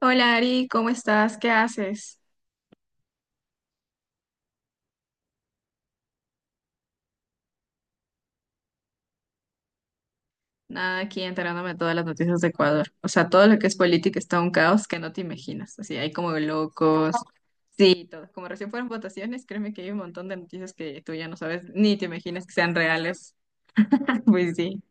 Hola Ari, ¿cómo estás? ¿Qué haces? Nada, aquí enterándome de todas las noticias de Ecuador. O sea, todo lo que es política está un caos que no te imaginas. Así, hay como locos. Sí, todo. Como recién fueron votaciones, créeme que hay un montón de noticias que tú ya no sabes ni te imaginas que sean reales. Pues sí.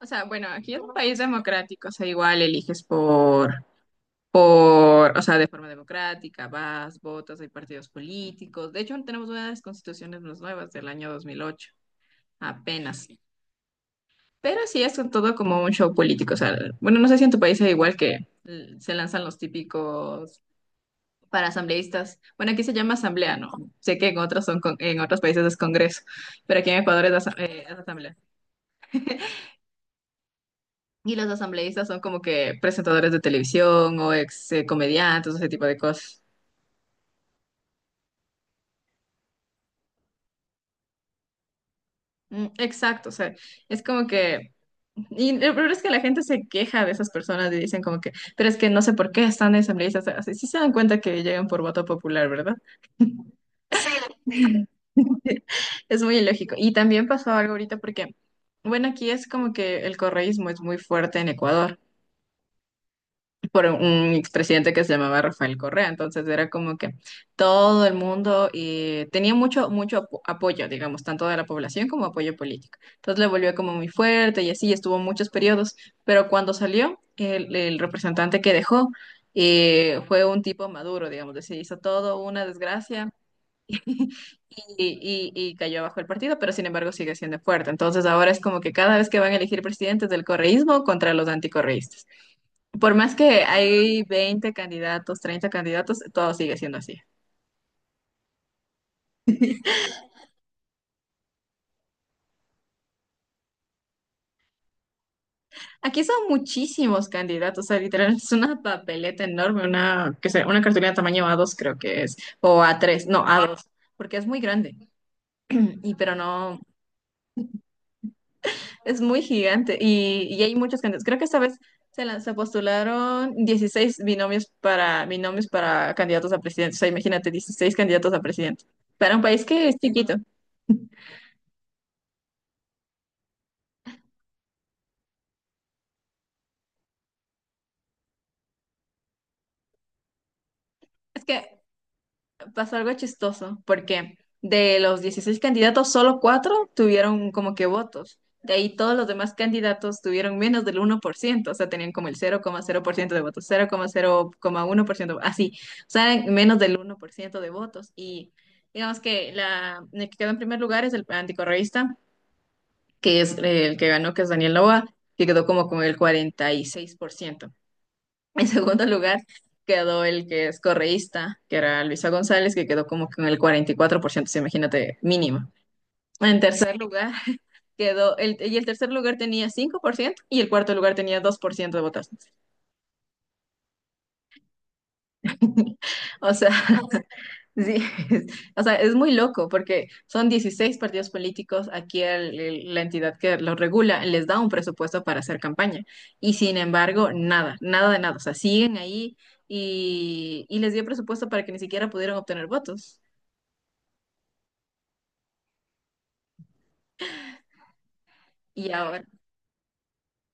O sea, bueno, aquí es un país democrático, o sea, igual eliges por, o sea, de forma democrática, vas, votas, hay partidos políticos. De hecho, tenemos una de las constituciones más nuevas del año 2008, apenas. Pero sí es un todo como un show político. O sea, bueno, no sé si en tu país es igual que se lanzan los típicos para asambleístas. Bueno, aquí se llama asamblea, ¿no? Sé que en otros son en otros países es congreso, pero aquí en Ecuador es asamblea. Y los asambleístas son como que presentadores de televisión o ex comediantes, ese tipo de cosas. Mm, exacto, o sea, es como que. Y el problema es que la gente se queja de esas personas y dicen como que, pero es que no sé por qué están asambleístas. Así sí se dan cuenta que llegan por voto popular, ¿verdad? Es muy ilógico. Y también pasó algo ahorita porque, bueno, aquí es como que el correísmo es muy fuerte en Ecuador por un expresidente que se llamaba Rafael Correa. Entonces era como que todo el mundo tenía mucho, mucho apoyo, digamos, tanto de la población como apoyo político. Entonces le volvió como muy fuerte y así estuvo muchos periodos. Pero cuando salió, el representante que dejó fue un tipo maduro, digamos, se hizo todo una desgracia y, y cayó abajo el partido, pero sin embargo sigue siendo fuerte. Entonces ahora es como que cada vez que van a elegir presidentes del correísmo contra los anticorreístas. Por más que hay 20 candidatos, 30 candidatos, todo sigue siendo así. Aquí son muchísimos candidatos, o sea, literal, es una papeleta enorme, una, que sea, una cartulina tamaño a dos creo que es, o a tres no, a dos porque es muy grande. Y pero no. Es muy gigante y hay muchos candidatos. Creo que esta vez se postularon 16 binomios para candidatos a presidente. O sea, imagínate, 16 candidatos a presidente. Para un país que es chiquito. Es que pasó algo chistoso, porque de los 16 candidatos, solo cuatro tuvieron como que votos. De ahí todos los demás candidatos tuvieron menos del 1%, o sea, tenían como el 00,0% de votos, 00,01% así, o sea, eran menos del 1% de votos. Y digamos que el que quedó en primer lugar es el anticorreísta, que es el que ganó, que es Daniel Noboa, que quedó como con el 46%. En segundo lugar quedó el que es correísta, que era Luisa González, que quedó como con el 44%. Sí, imagínate, mínimo. En tercer lugar y el tercer lugar tenía 5% y el cuarto lugar tenía 2% de votantes. O sea, sí, o sea, es muy loco porque son 16 partidos políticos, aquí la entidad que los regula les da un presupuesto para hacer campaña y sin embargo, nada, nada de nada, o sea, siguen ahí y les dio presupuesto para que ni siquiera pudieran obtener votos. Y ahora,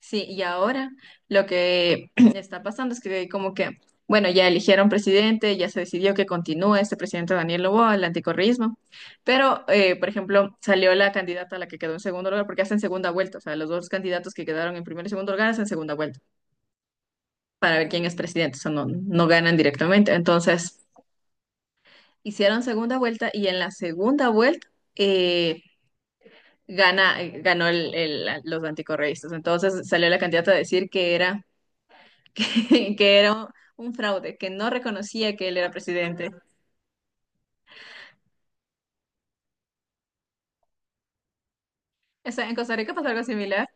sí, y ahora lo que está pasando es que como que, bueno, ya eligieron presidente, ya se decidió que continúe este presidente Daniel Loboa, el anticorrismo, pero, por ejemplo, salió la candidata a la que quedó en segundo lugar, porque hacen segunda vuelta, o sea, los dos candidatos que quedaron en primer y segundo lugar hacen segunda vuelta para ver quién es presidente, o sea, no, no ganan directamente. Entonces, hicieron segunda vuelta y en la segunda vuelta eh, ganó los anticorreístas. Entonces, salió la candidata a decir que era un fraude, que no reconocía que él era presidente. O sea, en Costa Rica pasó algo similar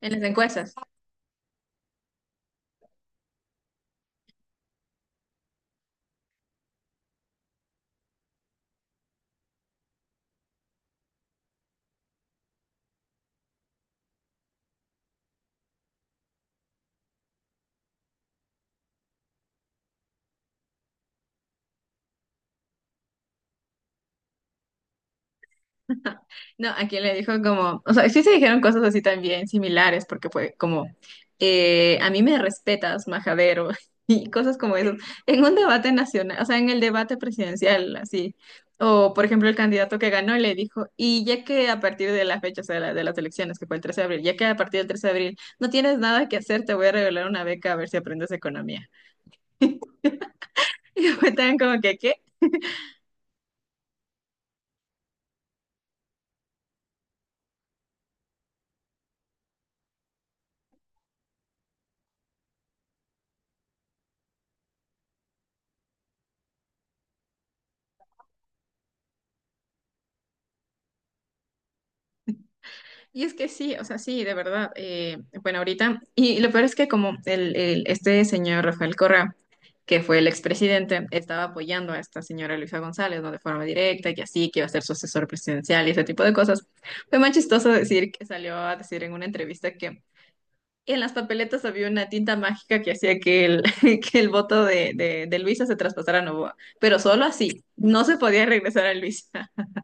en las encuestas. No, a quien le dijo como, o sea, sí se dijeron cosas así también similares, porque fue como, a mí me respetas, majadero, y cosas como eso, en un debate nacional, o sea, en el debate presidencial, así. O, por ejemplo, el candidato que ganó le dijo, y ya que a partir de la fecha, o sea, de las elecciones, que fue el 13 de abril, ya que a partir del 13 de abril no tienes nada que hacer, te voy a regalar una beca a ver si aprendes economía. Y fue tan como que, ¿qué? Y es que sí, o sea, sí, de verdad. Bueno, ahorita, y lo peor es que como este señor Rafael Correa, que fue el expresidente, estaba apoyando a esta señora Luisa González, ¿no? De forma directa, que así, que iba a ser su asesor presidencial y ese tipo de cosas. Fue más chistoso decir que salió a decir en una entrevista que en las papeletas había una tinta mágica que hacía que el, que el voto de Luisa se traspasara a Novoa, pero solo así, no se podía regresar a Luisa.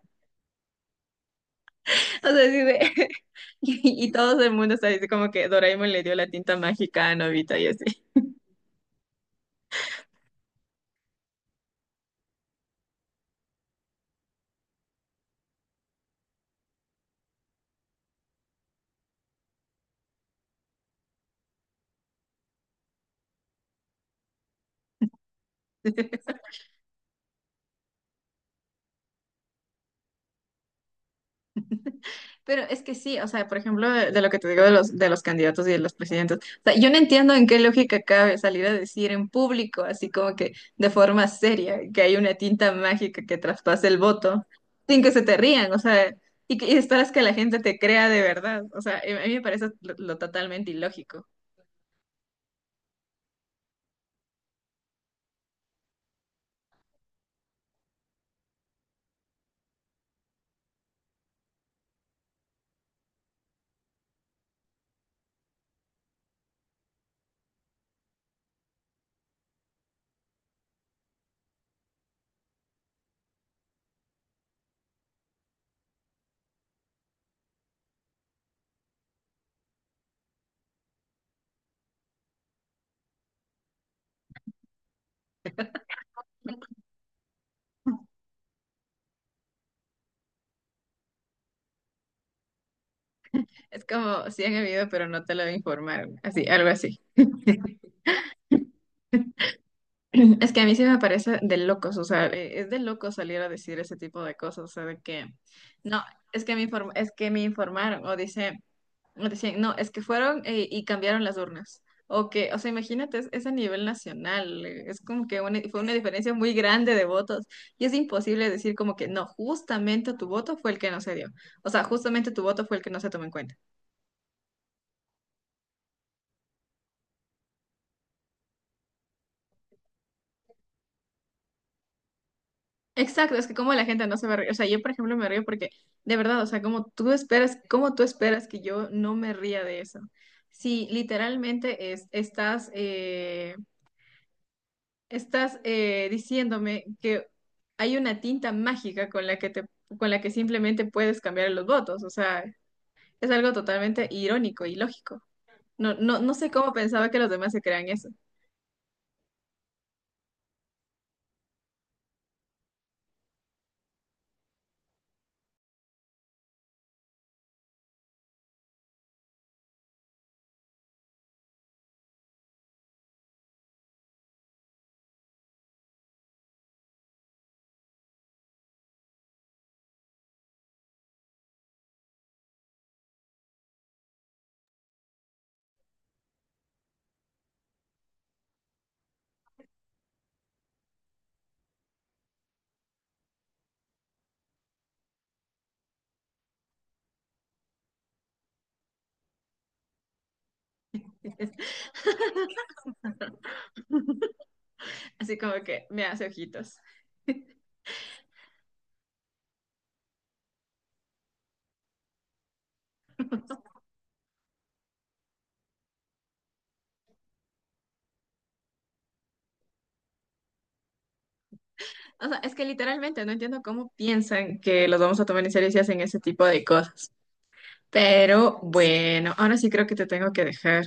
O sea, así de- Y todo el mundo está diciendo como que Doraemon le dio la tinta mágica a Nobita y así. Pero es que sí, o sea, por ejemplo, de lo que te digo de los candidatos y de los presidentes, o sea, yo no entiendo en qué lógica cabe salir a decir en público, así como que de forma seria, que hay una tinta mágica que traspase el voto, sin que se te rían, o sea, y esperas que la gente te crea de verdad, o sea, a mí me parece lo totalmente ilógico. Es como, sí han habido, pero no te lo informaron, así, algo así. Es que a mí sí me parece de locos, o sea, es de locos salir a decir ese tipo de cosas, o sea, de que, no, es que me informaron, o dicen, no, es que fueron y cambiaron las urnas, o que, o sea, imagínate, es a nivel nacional, es como que fue una diferencia muy grande de votos, y es imposible decir como que, no, justamente tu voto fue el que no se dio, o sea, justamente tu voto fue el que no se tomó en cuenta. Exacto, es que como la gente no se va a reír, o sea, yo por ejemplo me río porque de verdad, o sea, como tú esperas que yo no me ría de eso. Si literalmente estás diciéndome que hay una tinta mágica con la que simplemente puedes cambiar los votos, o sea, es algo totalmente irónico y lógico. No, no, no sé cómo pensaba que los demás se crean eso. Así como que me hace ojitos. O sea, es que literalmente no entiendo cómo piensan que los vamos a tomar en serio si hacen ese tipo de cosas. Pero bueno, ahora sí creo que te tengo que dejar.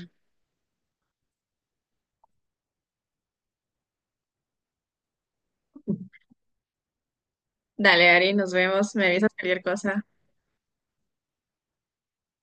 Dale, Ari, nos vemos. Me avisas cualquier cosa.